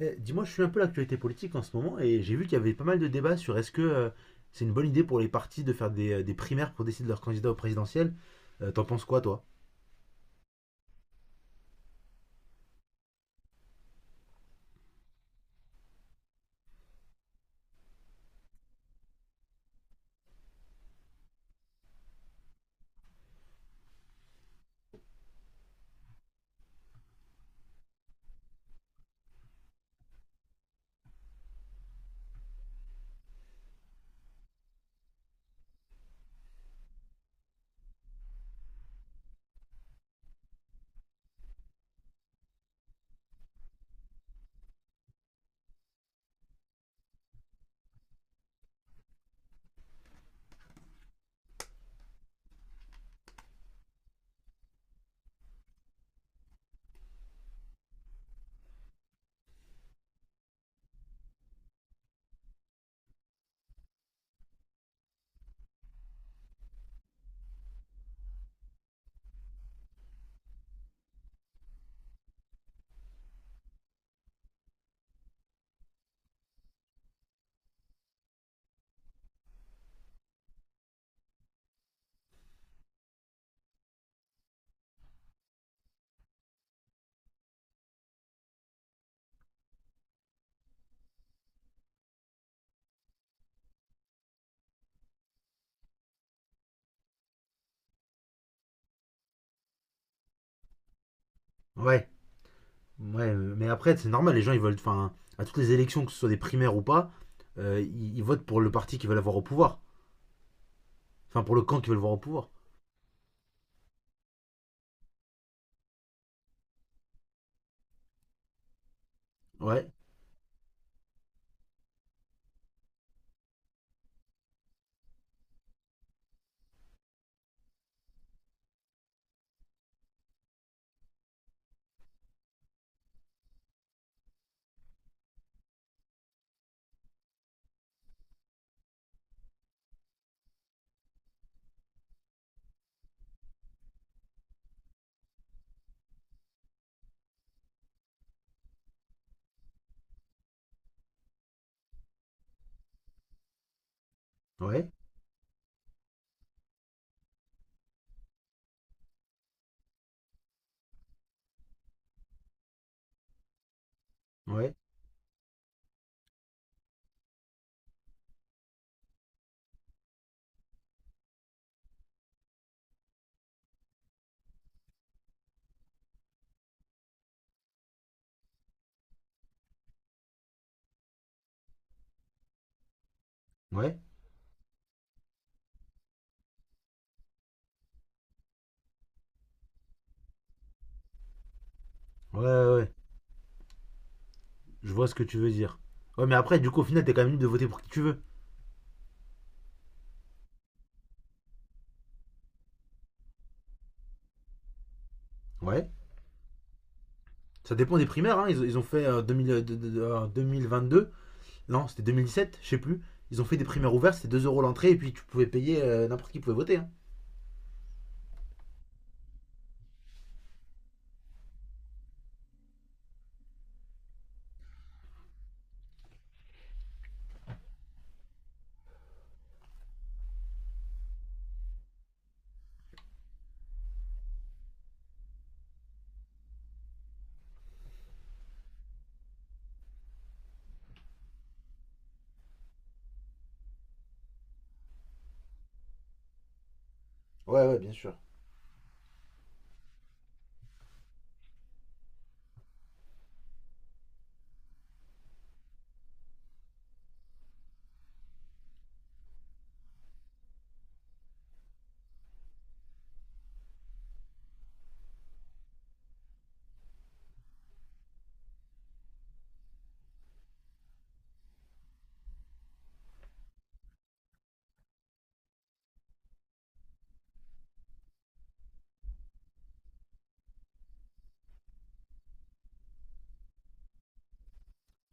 Eh, dis-moi, je suis un peu l'actualité politique en ce moment et j'ai vu qu'il y avait pas mal de débats sur est-ce que c'est une bonne idée pour les partis de faire des primaires pour décider de leur candidat au présidentiel. T'en penses quoi, toi? Ouais, ouais, mais après, c'est normal, les gens ils veulent. Enfin, à toutes les élections, que ce soit des primaires ou pas, ils votent pour le parti qu'ils veulent avoir au pouvoir. Enfin, pour le camp qu'ils veulent voir au pouvoir. Ouais, ouais, ouais, ouais, ouais, ouais, ouais. Je vois ce que tu veux dire. Ouais, mais après, du coup, au final, t'es quand même libre de voter pour qui tu veux. Ouais. Ça dépend des primaires, hein. Ils ont fait 2000 de- en 2022. Non, c'était 2017, je sais plus. Ils ont fait des primaires ouvertes, c'était 2 euros l'entrée et puis tu pouvais payer, n'importe qui pouvait voter, hein. Ouais, ouais, bien sûr.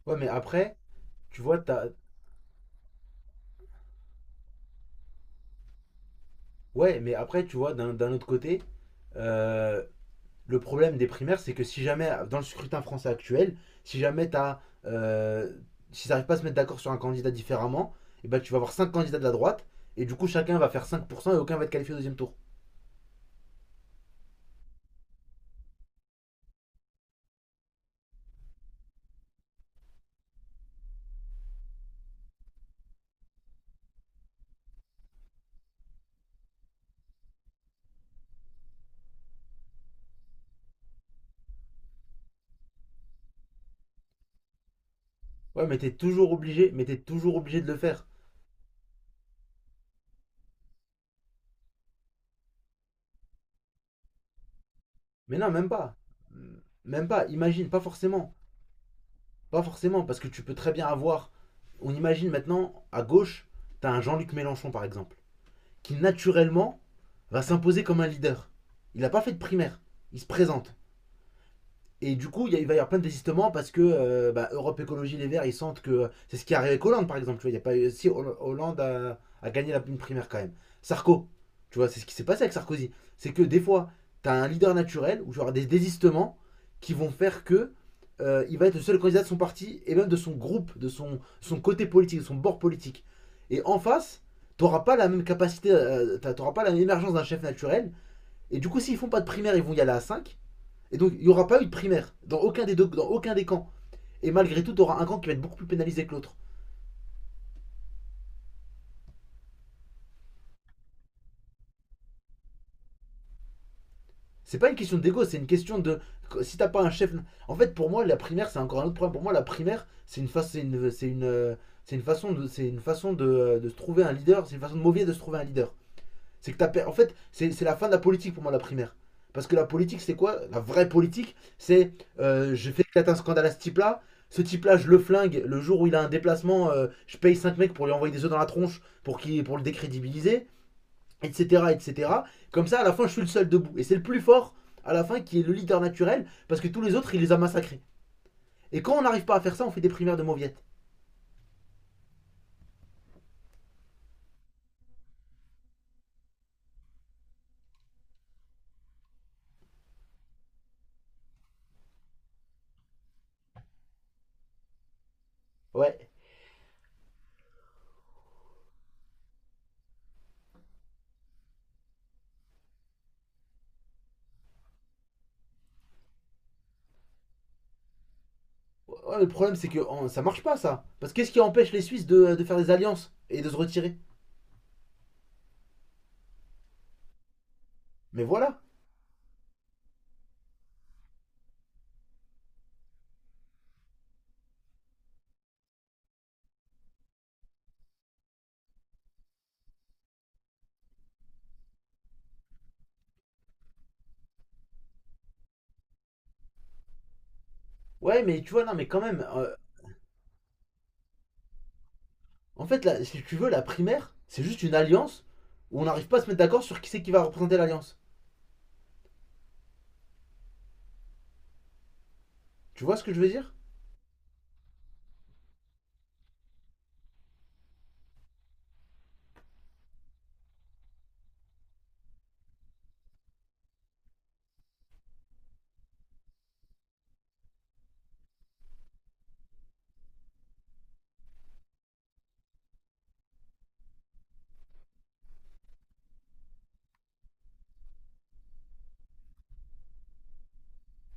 Ouais, mais après, tu vois, t'as... Ouais, mais après, tu vois, d'un autre côté, euh, le problème des primaires, c'est que si jamais, dans le scrutin français actuel, si jamais t'as. Euh, S'ils n'arrivent pas à se mettre d'accord sur un candidat différemment, et ben tu vas avoir 5 candidats de la droite, et du coup, chacun va faire 5% et aucun va être qualifié au deuxième tour. Ouais, mais t'es toujours obligé, mais t'es toujours obligé de le faire. Mais non, même pas. Même pas, imagine, pas forcément. Pas forcément, parce que tu peux très bien avoir... On imagine maintenant, à gauche, t'as un Jean-Luc Mélenchon, par exemple, qui naturellement va s'imposer comme un leader. Il n'a pas fait de primaire. Il se présente. Et du coup, il va y avoir plein de désistements parce que Europe Écologie Les Verts, ils sentent que c'est ce qui arrive arrivé avec Hollande, par exemple. Tu vois, il y a pas eu- si Hollande a gagné la une primaire quand même. Sarko, tu vois, c'est ce qui s'est passé avec Sarkozy. C'est que des fois, tu as un leader naturel ou auras des désistements qui vont faire que il va être le seul candidat de son parti et même de son groupe, de son côté politique, de son bord politique. Et en face, tu n'auras pas la même capacité, tu n'auras pas l'émergence d'un chef naturel. Et du coup, s'ils font pas de primaire, ils vont y aller à 5. Et donc, il n'y aura pas eu de primaire dans aucun des camps. Et malgré tout, tu auras un camp qui va être beaucoup plus pénalisé que l'autre. C'est pas une question d'ego, c'est une question de si t'as pas un chef. En fait, pour moi, la primaire, c'est encore un autre problème. Pour moi, la primaire, c'est une façon c'est une façon de se trouver un leader, c'est une façon de mauvais de se trouver un leader. C'est que t'as En fait, c'est la fin de la politique pour moi, la primaire. Parce que la politique, c'est quoi? La vraie politique, c'est je fais éclater un scandale à ce type-là. Ce type-là, je le flingue. Le jour où il a un déplacement, je paye 5 mecs pour lui envoyer des œufs dans la tronche pour le décrédibiliser, etc., etc. Comme ça, à la fin, je suis le seul debout. Et c'est le plus fort, à la fin, qui est le leader naturel, parce que tous les autres, il les a massacrés. Et quand on n'arrive pas à faire ça, on fait des primaires de mauviettes. Ouais. Ouais, le problème, c'est que oh, ça marche pas, ça. Parce qu'est-ce qui empêche les Suisses de faire des alliances et de se retirer? Mais voilà. Ouais, mais tu vois, non, mais quand même, en fait, là, si tu veux, la primaire, c'est juste une alliance où on n'arrive pas à se mettre d'accord sur qui c'est qui va représenter l'alliance. Tu vois ce que je veux dire?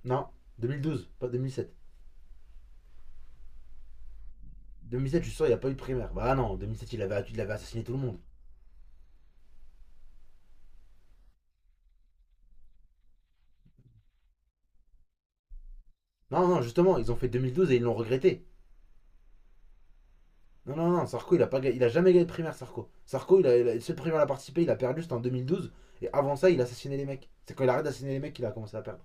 Non, 2012, pas 2007. 2007, je suis sûr, il n'y a pas eu de primaire. Bah non, 2007, il avait assassiné tout le monde. Non, non, justement, ils ont fait 2012 et ils l'ont regretté. Non, non, non, Sarko, il a jamais gagné de primaire, Sarko. Sarko, le seul primaire à participé, il a perdu, c'était en 2012. Et avant ça, il a assassiné les mecs. C'est quand il arrête d'assassiner les mecs qu'il a commencé à perdre.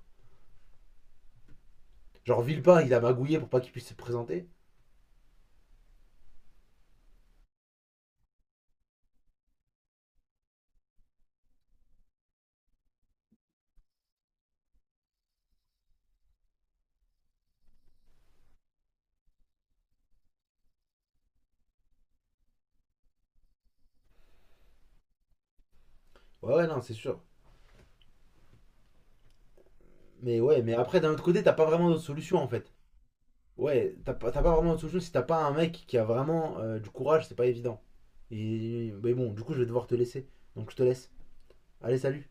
Genre, Villepin, il a magouillé pour pas qu'il puisse se présenter. Ouais, ouais, non, c'est sûr. Mais ouais, mais après, d'un autre côté, t'as pas vraiment d'autre solution en fait. Ouais, t'as pas vraiment d'autre solution si t'as pas un mec qui a vraiment du courage, c'est pas évident. Et, mais bon, du coup, je vais devoir te laisser. Donc, je te laisse. Allez, salut.